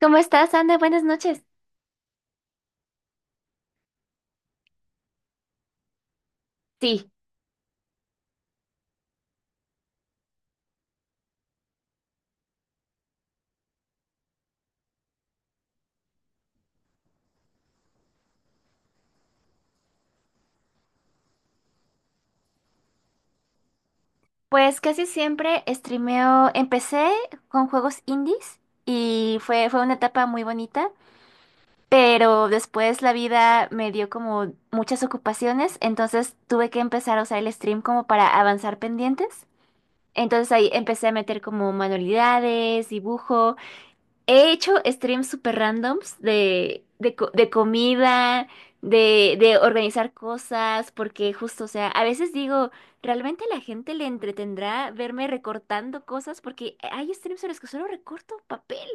¿Cómo estás, Ana? Buenas noches. Sí, pues casi siempre streameo. Empecé con juegos indies y fue una etapa muy bonita, pero después la vida me dio como muchas ocupaciones, entonces tuve que empezar a usar el stream como para avanzar pendientes. Entonces ahí empecé a meter como manualidades, dibujo. He hecho streams super randoms de comida, de organizar cosas, porque justo, o sea, a veces digo, ¿realmente a la gente le entretendrá verme recortando cosas? Porque hay streams en los que solo recorto papel,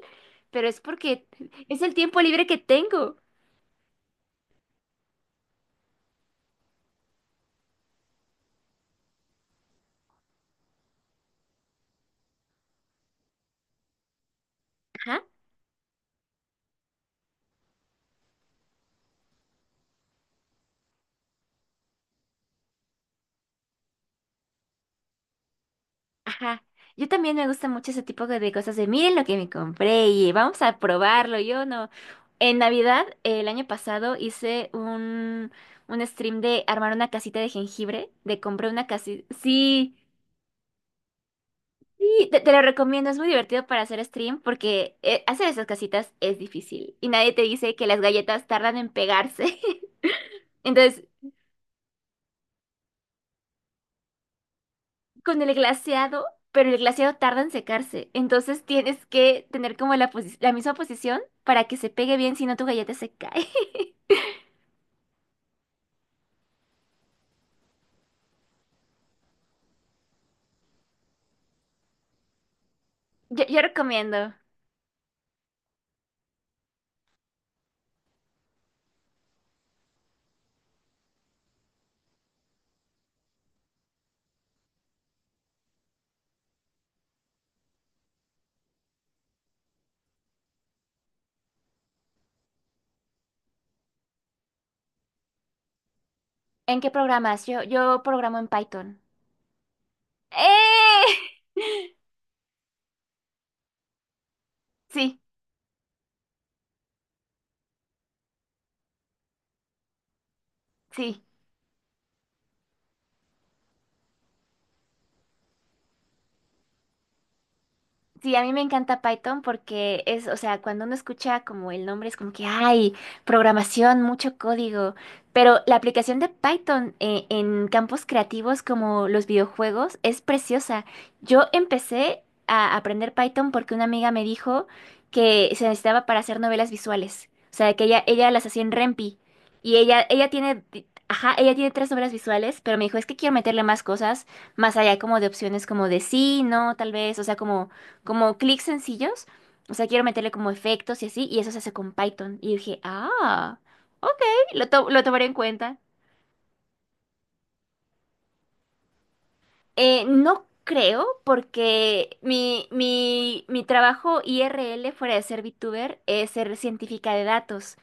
pero es porque es el tiempo libre que tengo. Ajá. Ajá. Yo también me gusta mucho ese tipo de cosas de miren lo que me compré y vamos a probarlo. Yo no. En Navidad, el año pasado, un stream de armar una casita de jengibre, de compré una casita. Sí, sí, te lo recomiendo. Es muy divertido para hacer stream porque hacer esas casitas es difícil y nadie te dice que las galletas tardan en pegarse. Entonces, con el glaseado, pero el glaseado tarda en secarse. Entonces tienes que tener como la, posi- la misma posición para que se pegue bien, si no tu galleta se cae. Yo recomiendo. ¿En qué programas? Yo programo en Python. ¡Eh! Sí, sí. Sí, a mí me encanta Python porque es, o sea, cuando uno escucha como el nombre es como que hay programación, mucho código, pero la aplicación de Python en campos creativos como los videojuegos es preciosa. Yo empecé a aprender Python porque una amiga me dijo que se necesitaba para hacer novelas visuales, o sea, que ella las hacía en Rempi y ella tiene, ajá, ella tiene 3 novelas visuales, pero me dijo, es que quiero meterle más cosas, más allá como de opciones como de sí, no, tal vez, o sea, como clics sencillos. O sea, quiero meterle como efectos y así, y eso se hace con Python. Y dije, ah, ok, lo tomaré en cuenta. No creo, porque mi trabajo IRL fuera de ser VTuber es ser científica de datos.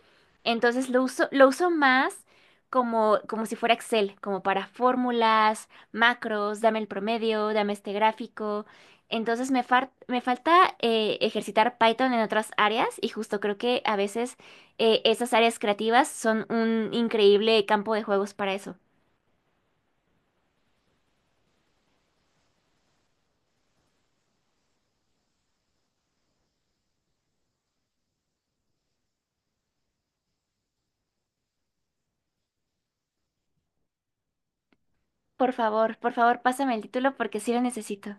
Entonces lo uso más como, como si fuera Excel, como para fórmulas, macros, dame el promedio, dame este gráfico. Entonces me, far- me falta ejercitar Python en otras áreas y justo creo que a veces esas áreas creativas son un increíble campo de juegos para eso. Por favor, pásame el título porque sí lo necesito.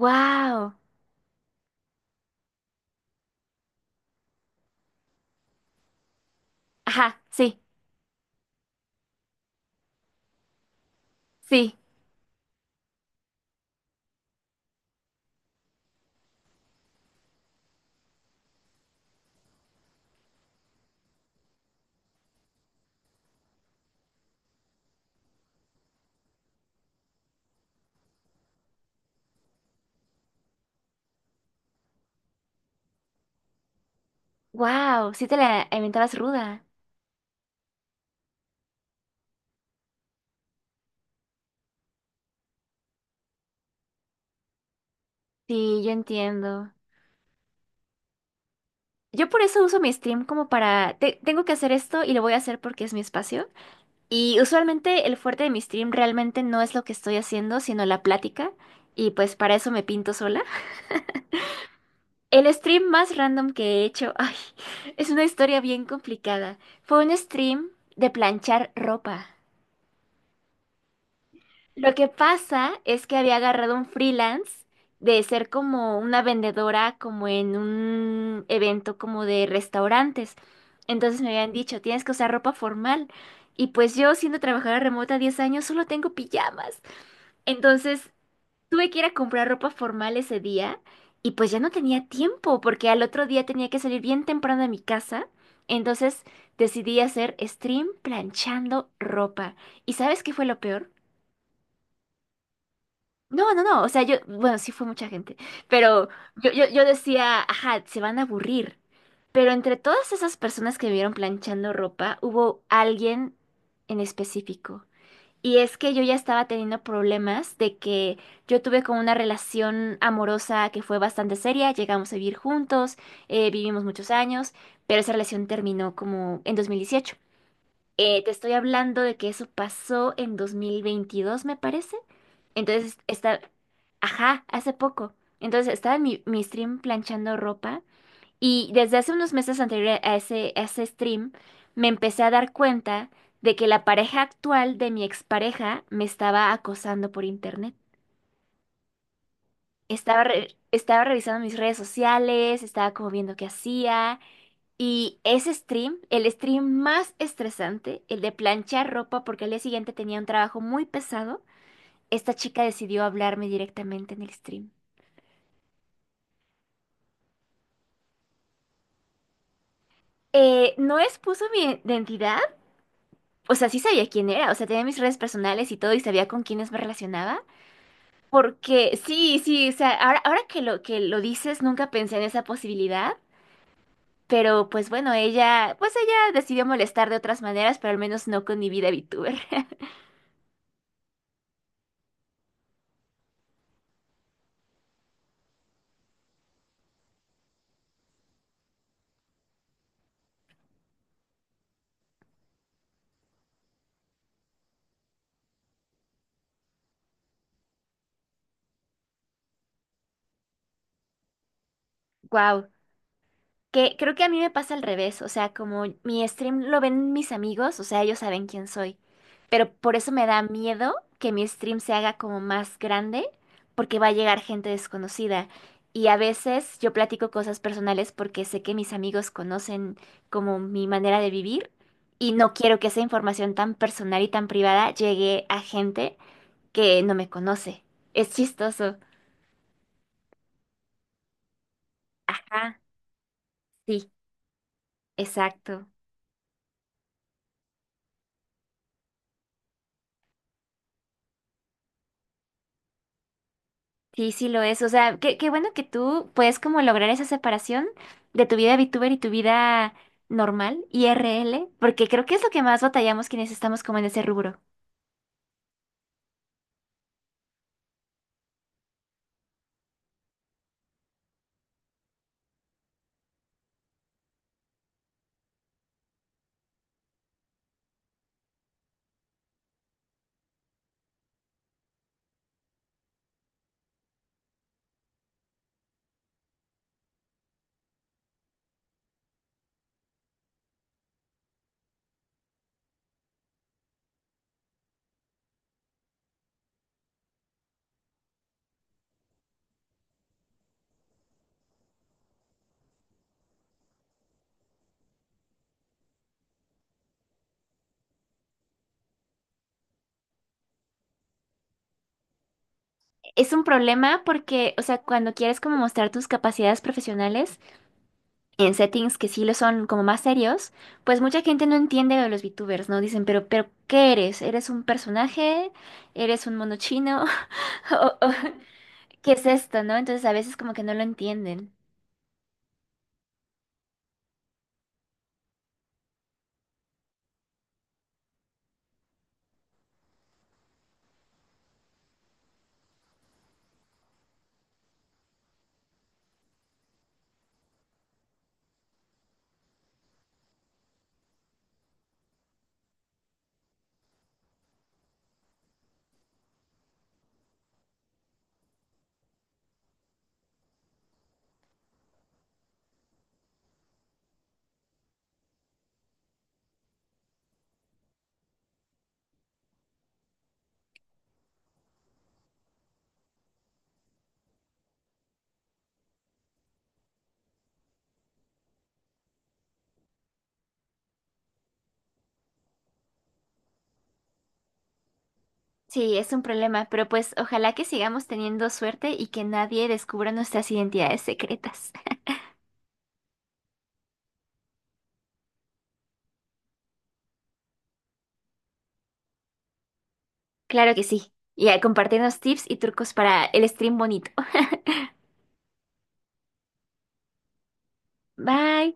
¡Wow! Ajá, sí, sí. ¡Wow! Sí te la inventabas ruda. Sí, yo entiendo. Yo por eso uso mi stream como para... te- tengo que hacer esto y lo voy a hacer porque es mi espacio. Y usualmente el fuerte de mi stream realmente no es lo que estoy haciendo, sino la plática. Y pues para eso me pinto sola. El stream más random que he hecho, ay, es una historia bien complicada. Fue un stream de planchar ropa. Lo que pasa es que había agarrado un freelance de ser como una vendedora, como en un evento como de restaurantes. Entonces me habían dicho, tienes que usar ropa formal. Y pues yo, siendo trabajadora remota 10 años, solo tengo pijamas. Entonces tuve que ir a comprar ropa formal ese día y pues ya no tenía tiempo porque al otro día tenía que salir bien temprano de mi casa. Entonces decidí hacer stream planchando ropa. ¿Y sabes qué fue lo peor? No, no, no, o sea, yo, bueno, sí fue mucha gente, pero yo decía, ajá, se van a aburrir. Pero entre todas esas personas que me vieron planchando ropa, hubo alguien en específico. Y es que yo ya estaba teniendo problemas de que yo tuve como una relación amorosa que fue bastante seria, llegamos a vivir juntos, vivimos muchos años, pero esa relación terminó como en 2018. Te estoy hablando de que eso pasó en 2022, me parece. Entonces, está, ajá, hace poco. Entonces, estaba en mi stream planchando ropa y desde hace unos meses anteriores a a ese stream me empecé a dar cuenta de que la pareja actual de mi expareja me estaba acosando por internet. Estaba, re- estaba revisando mis redes sociales, estaba como viendo qué hacía y ese stream, el stream más estresante, el de planchar ropa porque al día siguiente tenía un trabajo muy pesado, esta chica decidió hablarme directamente en el stream. No expuso mi identidad, o sea, sí sabía quién era, o sea, tenía mis redes personales y todo y sabía con quiénes me relacionaba, porque sí, sí, o sea, ahora que lo dices, nunca pensé en esa posibilidad, pero pues bueno, ella, pues ella decidió molestar de otras maneras, pero al menos no con mi vida VTuber. Wow. Que creo que a mí me pasa al revés, o sea, como mi stream lo ven mis amigos, o sea, ellos saben quién soy, pero por eso me da miedo que mi stream se haga como más grande, porque va a llegar gente desconocida. Y a veces yo platico cosas personales porque sé que mis amigos conocen como mi manera de vivir y no quiero que esa información tan personal y tan privada llegue a gente que no me conoce. Es chistoso. Ajá, sí, exacto. Sí, sí lo es. O sea, qué, qué bueno que tú puedes como lograr esa separación de tu vida VTuber y tu vida normal, IRL, porque creo que es lo que más batallamos quienes estamos como en ese rubro. Es un problema porque, o sea, cuando quieres como mostrar tus capacidades profesionales en settings que sí lo son como más serios, pues mucha gente no entiende lo de los VTubers, ¿no? Dicen, ¿qué eres? ¿Eres un personaje? ¿Eres un mono chino? ¿O- o- ¿qué es esto, no? Entonces a veces como que no lo entienden. Sí, es un problema, pero pues ojalá que sigamos teniendo suerte y que nadie descubra nuestras identidades secretas. Claro que sí. Y a compartirnos tips y trucos para el stream bonito. Bye.